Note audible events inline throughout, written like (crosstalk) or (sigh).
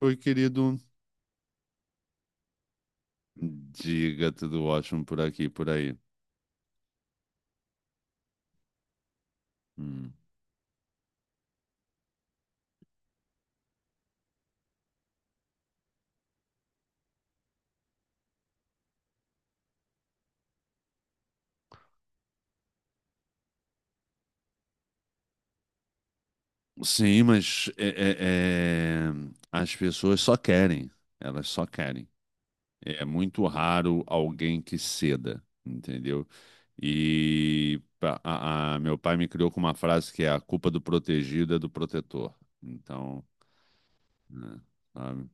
Oi, querido. Diga, tudo ótimo por aqui, por aí. Hum. Sim, mas as pessoas só querem, elas só querem. É muito raro alguém que ceda, entendeu? Meu pai me criou com uma frase que é a culpa do protegido é do protetor. Então, né, sabe?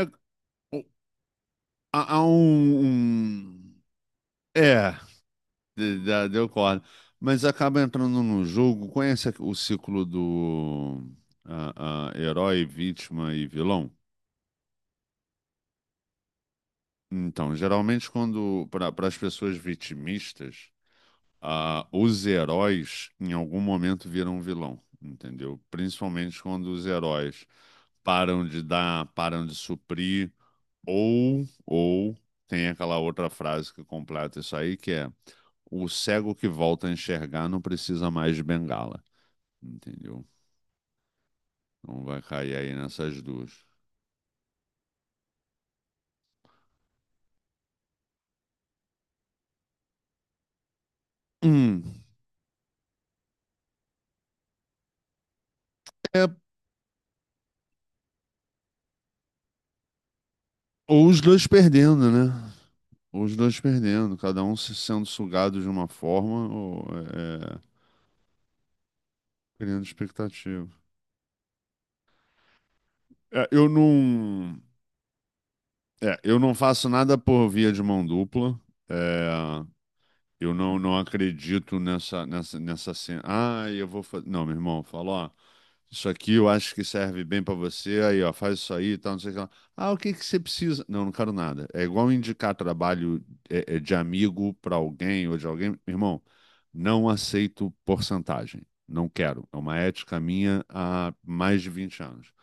É, o- há há um, um- É, deu corda. Mas acaba entrando num jogo. O ciclo do herói, vítima e vilão? Então, geralmente, quando para as pessoas vitimistas, os heróis em algum momento viram vilão, entendeu? Principalmente quando os heróis param de dar, param de suprir, ou tem aquela outra frase que completa isso aí, que é o cego que volta a enxergar não precisa mais de bengala. Entendeu? Então vai cair aí nessas duas. Hum, é, ou os dois perdendo, né? Ou os dois perdendo, cada um se sendo sugado de uma forma ou é, criando expectativa. É, eu não, é, eu não faço nada por via de mão dupla. É, eu não, Não acredito nessa cena. Ah, eu vou fazer. Não, meu irmão, falou, ó, isso aqui eu acho que serve bem para você. Aí, ó, faz isso aí e tal, não sei o que lá. Ah, o que que você precisa? Não, não quero nada. É igual indicar trabalho de amigo para alguém ou de alguém. Irmão, não aceito porcentagem. Não quero. É uma ética minha há mais de 20 anos.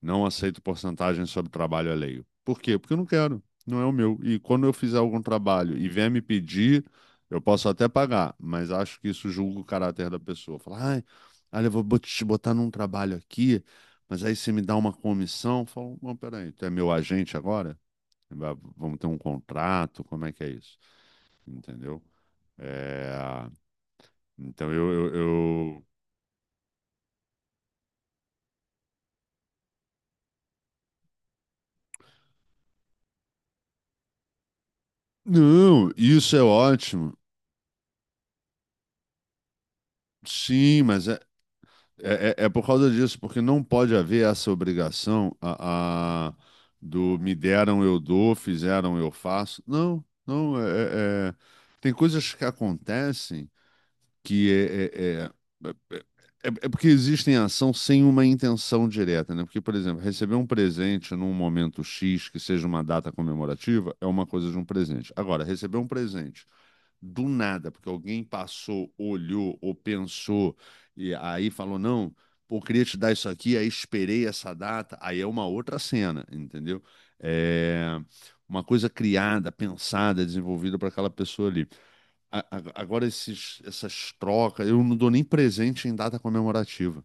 Não aceito porcentagem sobre trabalho alheio. Por quê? Porque eu não quero, não é o meu. E quando eu fizer algum trabalho e vier me pedir, eu posso até pagar, mas acho que isso julga o caráter da pessoa. Falar, ai, olha, eu vou te botar num trabalho aqui, mas aí você me dá uma comissão. Eu falo, não, peraí, tu é meu agente agora? Vamos ter um contrato? Como é que é isso? Entendeu? É, Então eu, eu, eu- Não, isso é ótimo. Sim, mas É, é, é por causa disso, porque não pode haver essa obrigação do me deram, eu dou, fizeram, eu faço. Não, não. É- é- Tem coisas que acontecem que é, é- é- é- é é porque existem ação sem uma intenção direta, né? Porque, por exemplo, receber um presente num momento X, que seja uma data comemorativa, é uma coisa de um presente. Agora, receber um presente do nada, porque alguém passou, olhou ou pensou e aí falou: não, pô, queria te dar isso aqui, aí esperei essa data, aí é uma outra cena, entendeu? É uma coisa criada, pensada, desenvolvida para aquela pessoa ali. Agora, essas trocas, eu não dou nem presente em data comemorativa.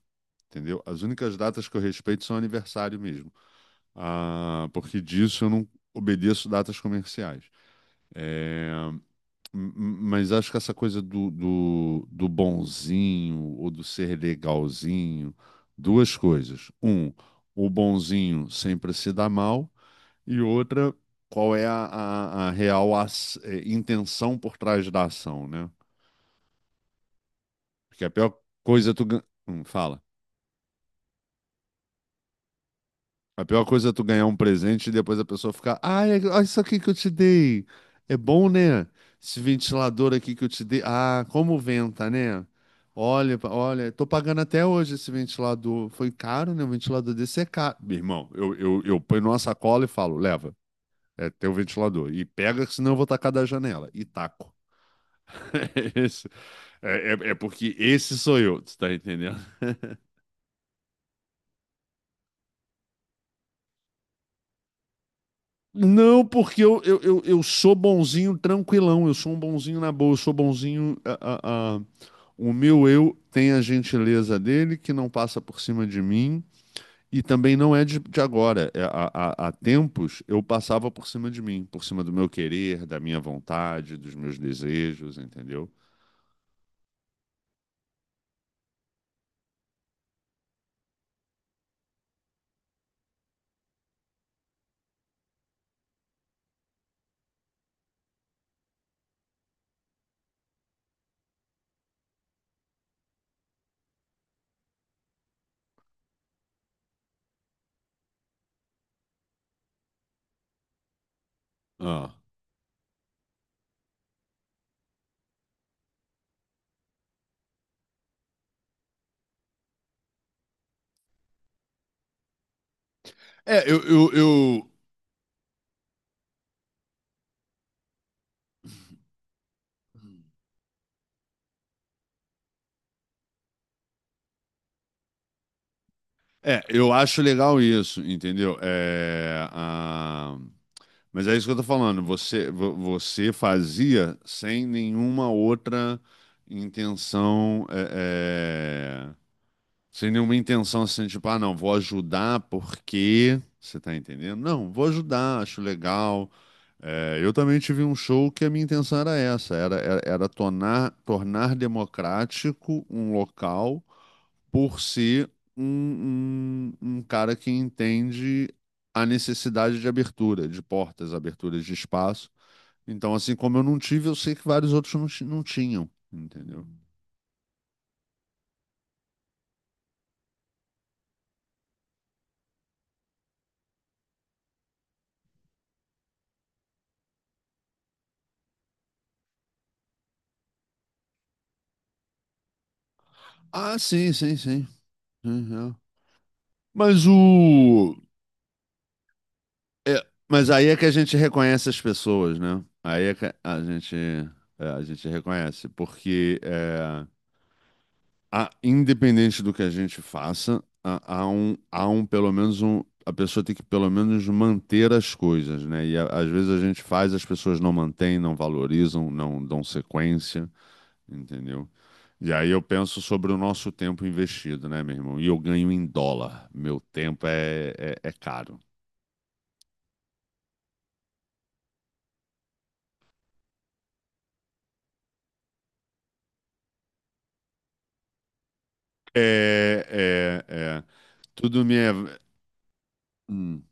Entendeu? As únicas datas que eu respeito são aniversário mesmo. Ah, porque disso eu não obedeço datas comerciais. É, M- Mas acho que essa coisa do, do, do bonzinho ou do ser legalzinho, duas coisas. Um, o bonzinho sempre se dá mal, e outra, qual é a real intenção por trás da ação, né? Porque a pior coisa é hum, fala. A pior coisa é tu ganhar um presente e depois a pessoa ficar, ah, é- olha isso aqui que eu te dei. É bom, né? Esse ventilador aqui que eu te dei. Ah, como venta, né? Olha, olha, tô pagando até hoje esse ventilador. Foi caro, né? Um ventilador desse é caro. Meu irmão, eu ponho numa sacola e falo, leva, é teu ventilador. E pega, que senão eu vou tacar da janela. E taco. (laughs) Esse- É porque esse sou eu, tu tá entendendo? Não, porque eu sou bonzinho tranquilão, eu sou um bonzinho na boa, eu sou bonzinho. O meu eu tem a gentileza dele, que não passa por cima de mim, e também não é de agora. É, há tempos eu passava por cima de mim, por cima do meu querer, da minha vontade, dos meus desejos, entendeu? Ah. É, eu, eu, eu- eu acho legal isso, entendeu? Mas é isso que eu tô falando. Você fazia sem nenhuma outra intenção, sem nenhuma intenção assim, tipo, ah, não, vou ajudar porque. Você tá entendendo? Não, vou ajudar, acho legal. É, eu também tive um show que a minha intenção era essa, era tornar, tornar democrático um local por ser um cara que entende a necessidade de abertura, de portas, aberturas de espaço. Então, assim como eu não tive, eu sei que vários outros não, não tinham, entendeu? Ah, sim, sim, sim. Uhum. Mas o. É, mas aí é que a gente reconhece as pessoas, né? Aí é que a gente, é, a gente reconhece, porque é, independente do que a gente faça, há um, pelo menos um, a pessoa tem que pelo menos manter as coisas, né? Às vezes a gente faz, as pessoas não mantêm, não valorizam, não dão sequência, entendeu? E aí eu penso sobre o nosso tempo investido, né, meu irmão? E eu ganho em dólar. Meu tempo é, é caro. É, é, é. Tudo me é. Hum.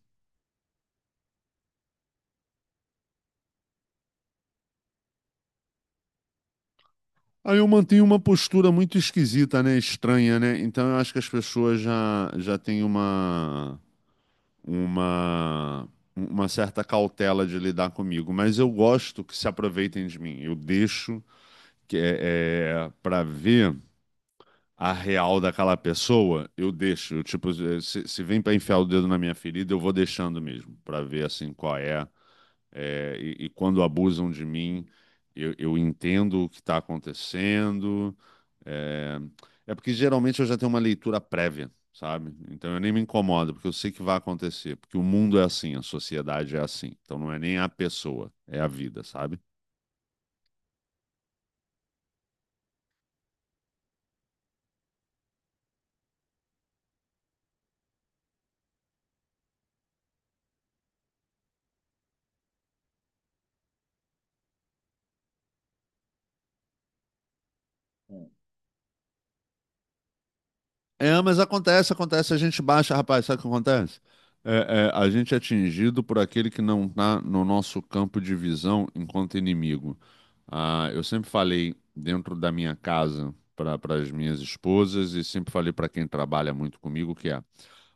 Aí eu mantenho uma postura muito esquisita, né? Estranha, né? Então eu acho que as pessoas já têm uma, uma certa cautela de lidar comigo. Mas eu gosto que se aproveitem de mim. Eu deixo para ver a real daquela pessoa, eu deixo. Eu, tipo, se vem para enfiar o dedo na minha ferida, eu vou deixando mesmo, para ver assim qual é, é, e quando abusam de mim, eu entendo o que está acontecendo. É, é porque geralmente eu já tenho uma leitura prévia, sabe? Então eu nem me incomodo, porque eu sei que vai acontecer, porque o mundo é assim, a sociedade é assim. Então não é nem a pessoa, é a vida, sabe? É, mas acontece, acontece, a gente baixa, rapaz, sabe o que acontece? A gente é atingido por aquele que não está no nosso campo de visão enquanto inimigo. Ah, eu sempre falei dentro da minha casa para as minhas esposas e sempre falei para quem trabalha muito comigo que é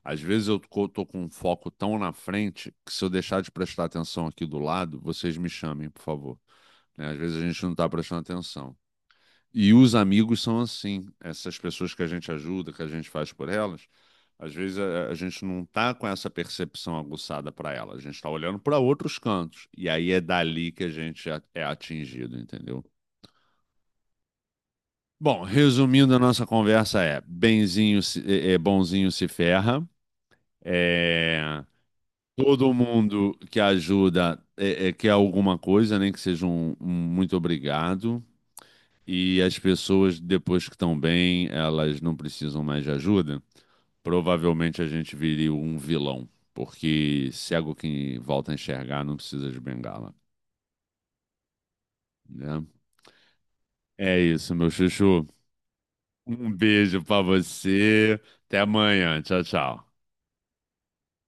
às vezes eu tô com um foco tão na frente que se eu deixar de prestar atenção aqui do lado, vocês me chamem, por favor. Né? Às vezes a gente não tá prestando atenção. E os amigos são assim, essas pessoas que a gente ajuda, que a gente faz por elas, às vezes a gente não tá com essa percepção aguçada para ela, a gente tá olhando para outros cantos. E aí é dali que a gente é atingido, entendeu? Bom, resumindo a nossa conversa é, benzinho é, é bonzinho se ferra. É, todo mundo que ajuda é, quer alguma coisa, nem que seja um, um muito obrigado. E as pessoas, depois que estão bem, elas não precisam mais de ajuda. Provavelmente a gente viria um vilão, porque cego que volta a enxergar não precisa de bengala, né? É isso, meu chuchu. Um beijo pra você. Até amanhã. Tchau, tchau.